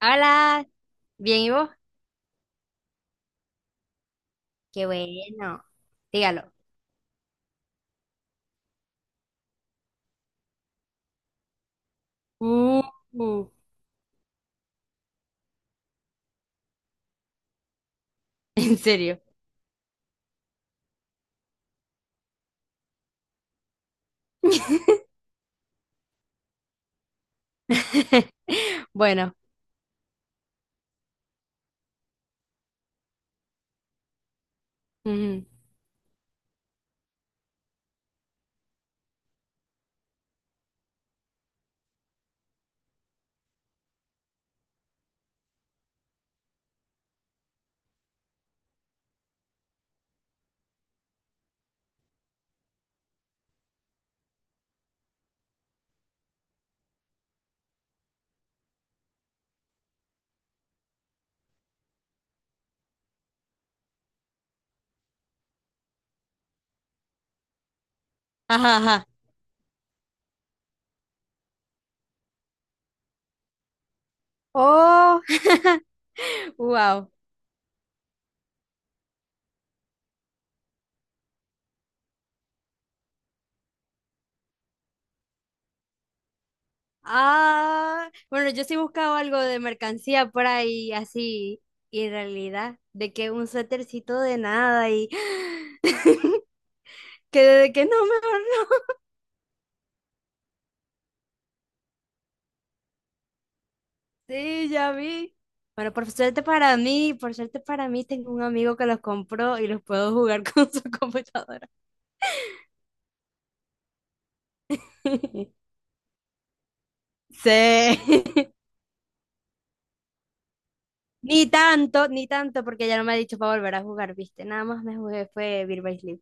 Hola, ¿bien y vos? Qué bueno. Dígalo. Uh, uh, en serio. Bueno. Ujú. Ajá, ajá. Oh, wow. Ah, bueno, yo sí buscaba algo de mercancía por ahí, así, y en realidad, de que un suétercito de nada y que de que no, mejor no. Sí, ya vi. Bueno, por suerte para mí, por suerte para mí, tengo un amigo que los compró y los puedo jugar con su computadora. Sí. Ni tanto, ni tanto, porque ya no me ha dicho para volver a jugar, ¿viste? Nada más me jugué fue Beat by Sleep.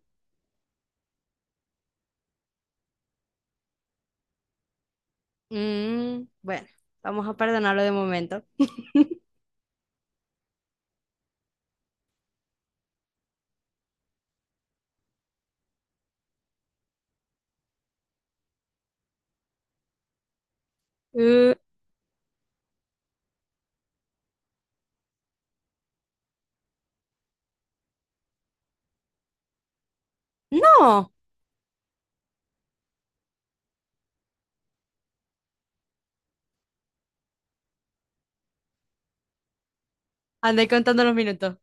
Mm, bueno, vamos a perdonarlo de momento. Uh, no, andé contando los minutos.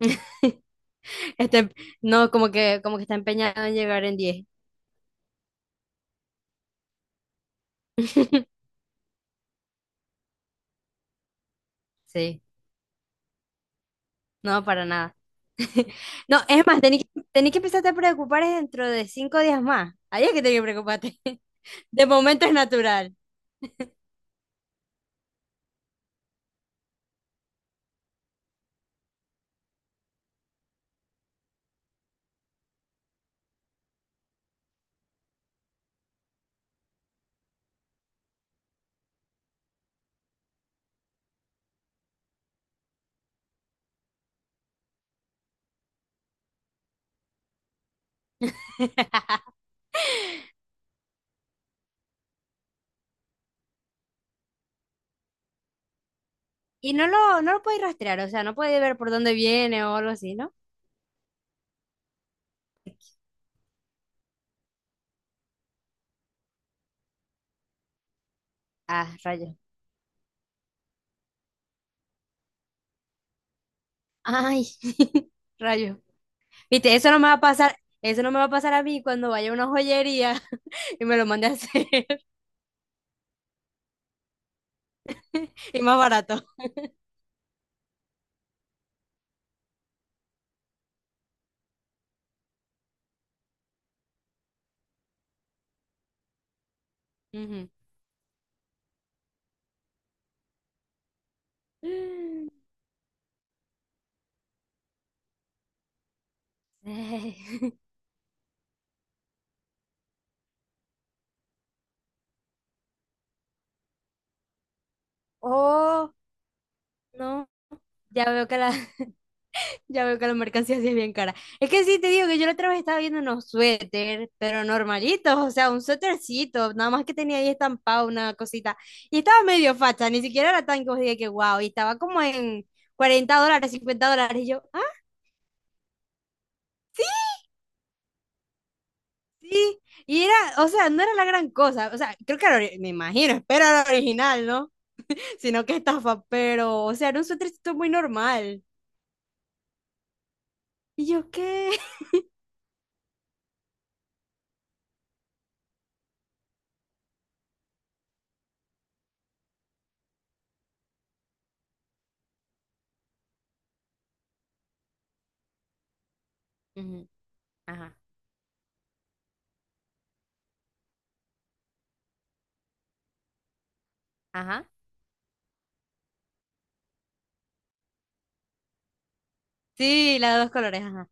Este, no, como que está empeñado en llegar en diez. Sí. No, para nada. No, es más, tenés que empezarte a preocupar es dentro de 5 días más. Ahí es que tenés que preocuparte. De momento es natural. Y no lo podéis rastrear, o sea, no podéis ver por dónde viene o algo así, ¿no? Ah, rayo. Ay, rayo. Viste, eso no me va a pasar, eso no me va a pasar a mí cuando vaya a una joyería y me lo mande a hacer. Y más barato. Ujú. Eh, Oh, no. Ya veo que la, Ya veo que la mercancía sí es bien cara. Es que sí, te digo que yo la otra vez estaba viendo unos suéter, pero normalitos, o sea, un suétercito, nada más que tenía ahí estampado una cosita. Y estaba medio facha, ni siquiera era tan que os diga que wow, y estaba como en $40, $50, y yo, ah, sí. Y era, o sea, no era la gran cosa, o sea, creo que era, me imagino, espero era original, ¿no? Sino que estafa, pero, o sea, era un suétercito muy normal. Y yo, ¿qué? Ujú. Ajá, ajá. Sí, la de dos colores, ajá.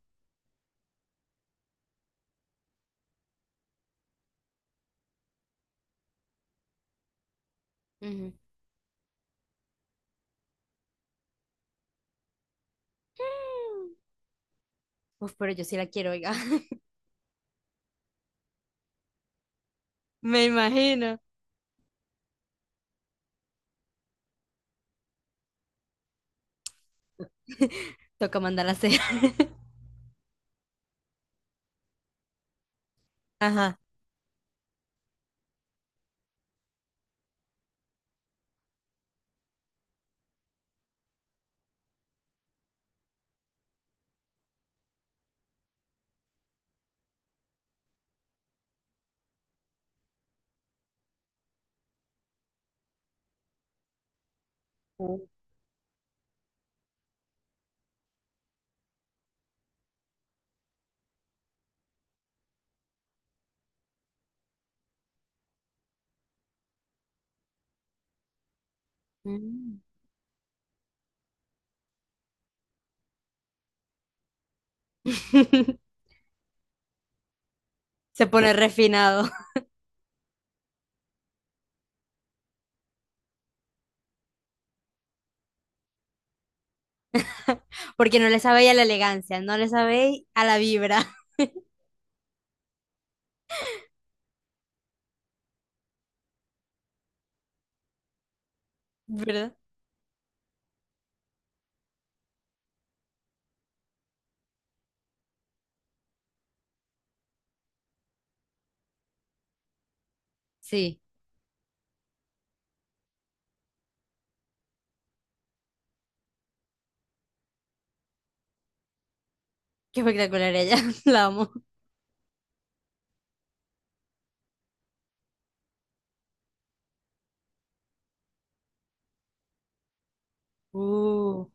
Ujú. Uf, pero yo sí la quiero, oiga. Me imagino. Toca mandarla a hacer. Ajá. Mm. Se pone refinado. Porque no le sabe a la elegancia, no le sabe a la vibra. ¿Verdad? Sí, qué espectacular ella. La amo. Uh.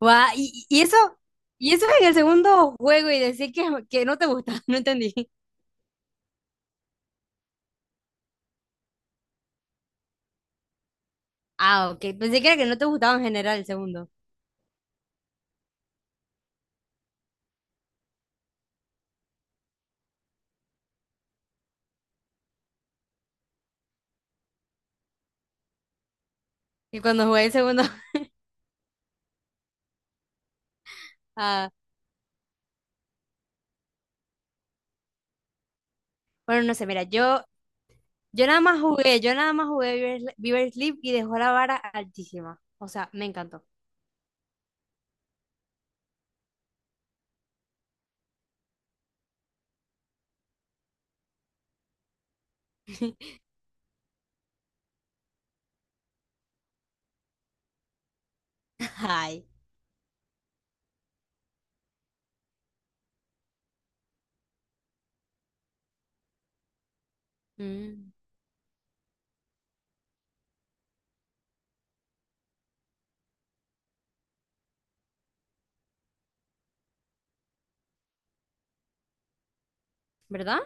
Guau. Y eso en el segundo juego y decir que no te gusta, no entendí. Ah, ok. Pensé que era que no te gustaba en general el segundo. Y cuando jugué el segundo, ah, bueno, no sé, mira, yo. Yo nada más jugué Viver Sleep y dejó la vara altísima. O sea, me encantó. Ay. Mm. ¿Verdad?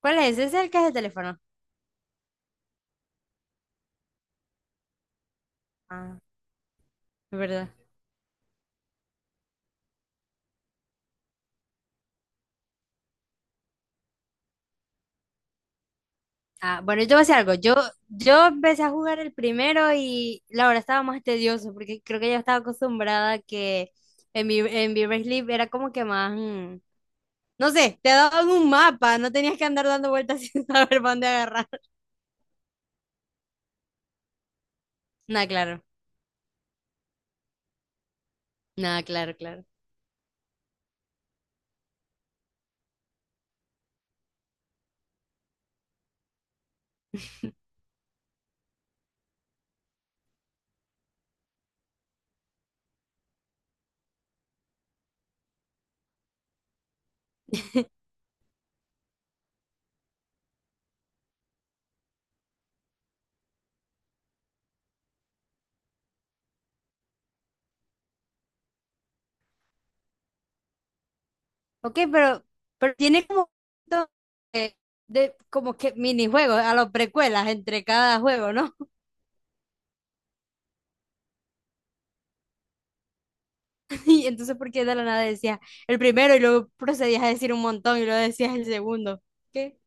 ¿Cuál es? Ese es el que es de teléfono. Ah, es verdad. Ah, bueno, yo voy a decir algo. Yo empecé a jugar el primero y la verdad estaba más tedioso porque creo que yo estaba acostumbrada a que en, en Viver Sleep era como que más... no sé, te daban un mapa, no tenías que andar dando vueltas sin saber para dónde agarrar. Nada, claro. Nada, claro, claro. Ok, pero tiene como, to- eh, de, como que minijuegos a los precuelas entre cada juego, ¿no? Y entonces, ¿por qué de la nada decías el primero y luego procedías a decir un montón y luego decías el segundo? ¿Qué?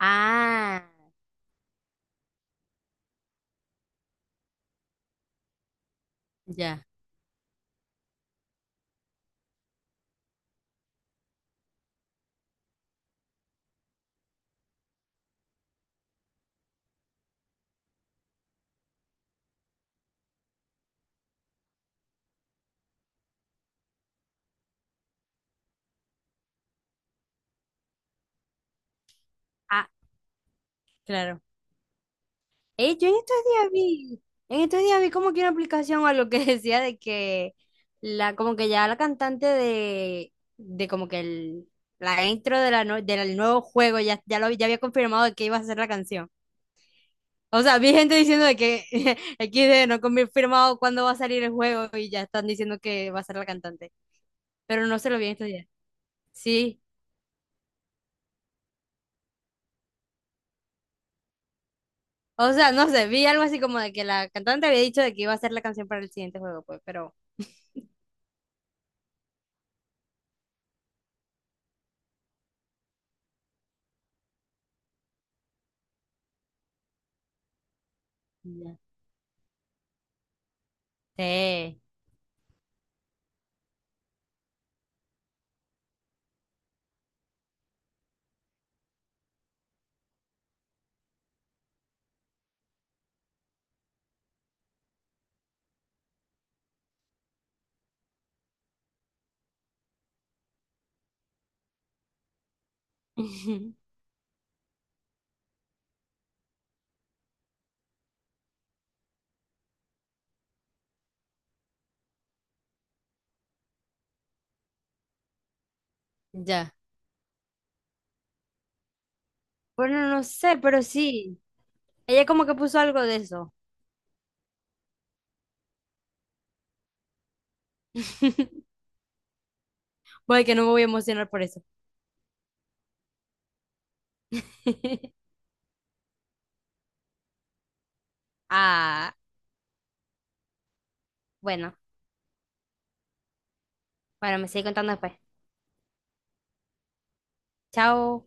Ah, ya. Ah, claro. Yo en estos días vi, en estos días vi como que una aplicación a lo que decía de que la, como que ya la cantante de, como que el, la intro de la, del nuevo juego ya, ya lo ya había confirmado de que iba a ser la canción. O sea, vi gente diciendo de que XD no confirmado cuándo va a salir el juego y ya están diciendo que va a ser la cantante. Pero no se lo vi en estos días. Sí. O sea, no sé, vi algo así como de que la cantante había dicho de que iba a ser la canción para el siguiente juego, pues, pero. Ya. Sí. Ya. Bueno, no sé, pero sí. Ella como que puso algo de eso. Voy que no me voy a emocionar por eso. Ah, bueno. Bueno, me sigue contando después. Chao.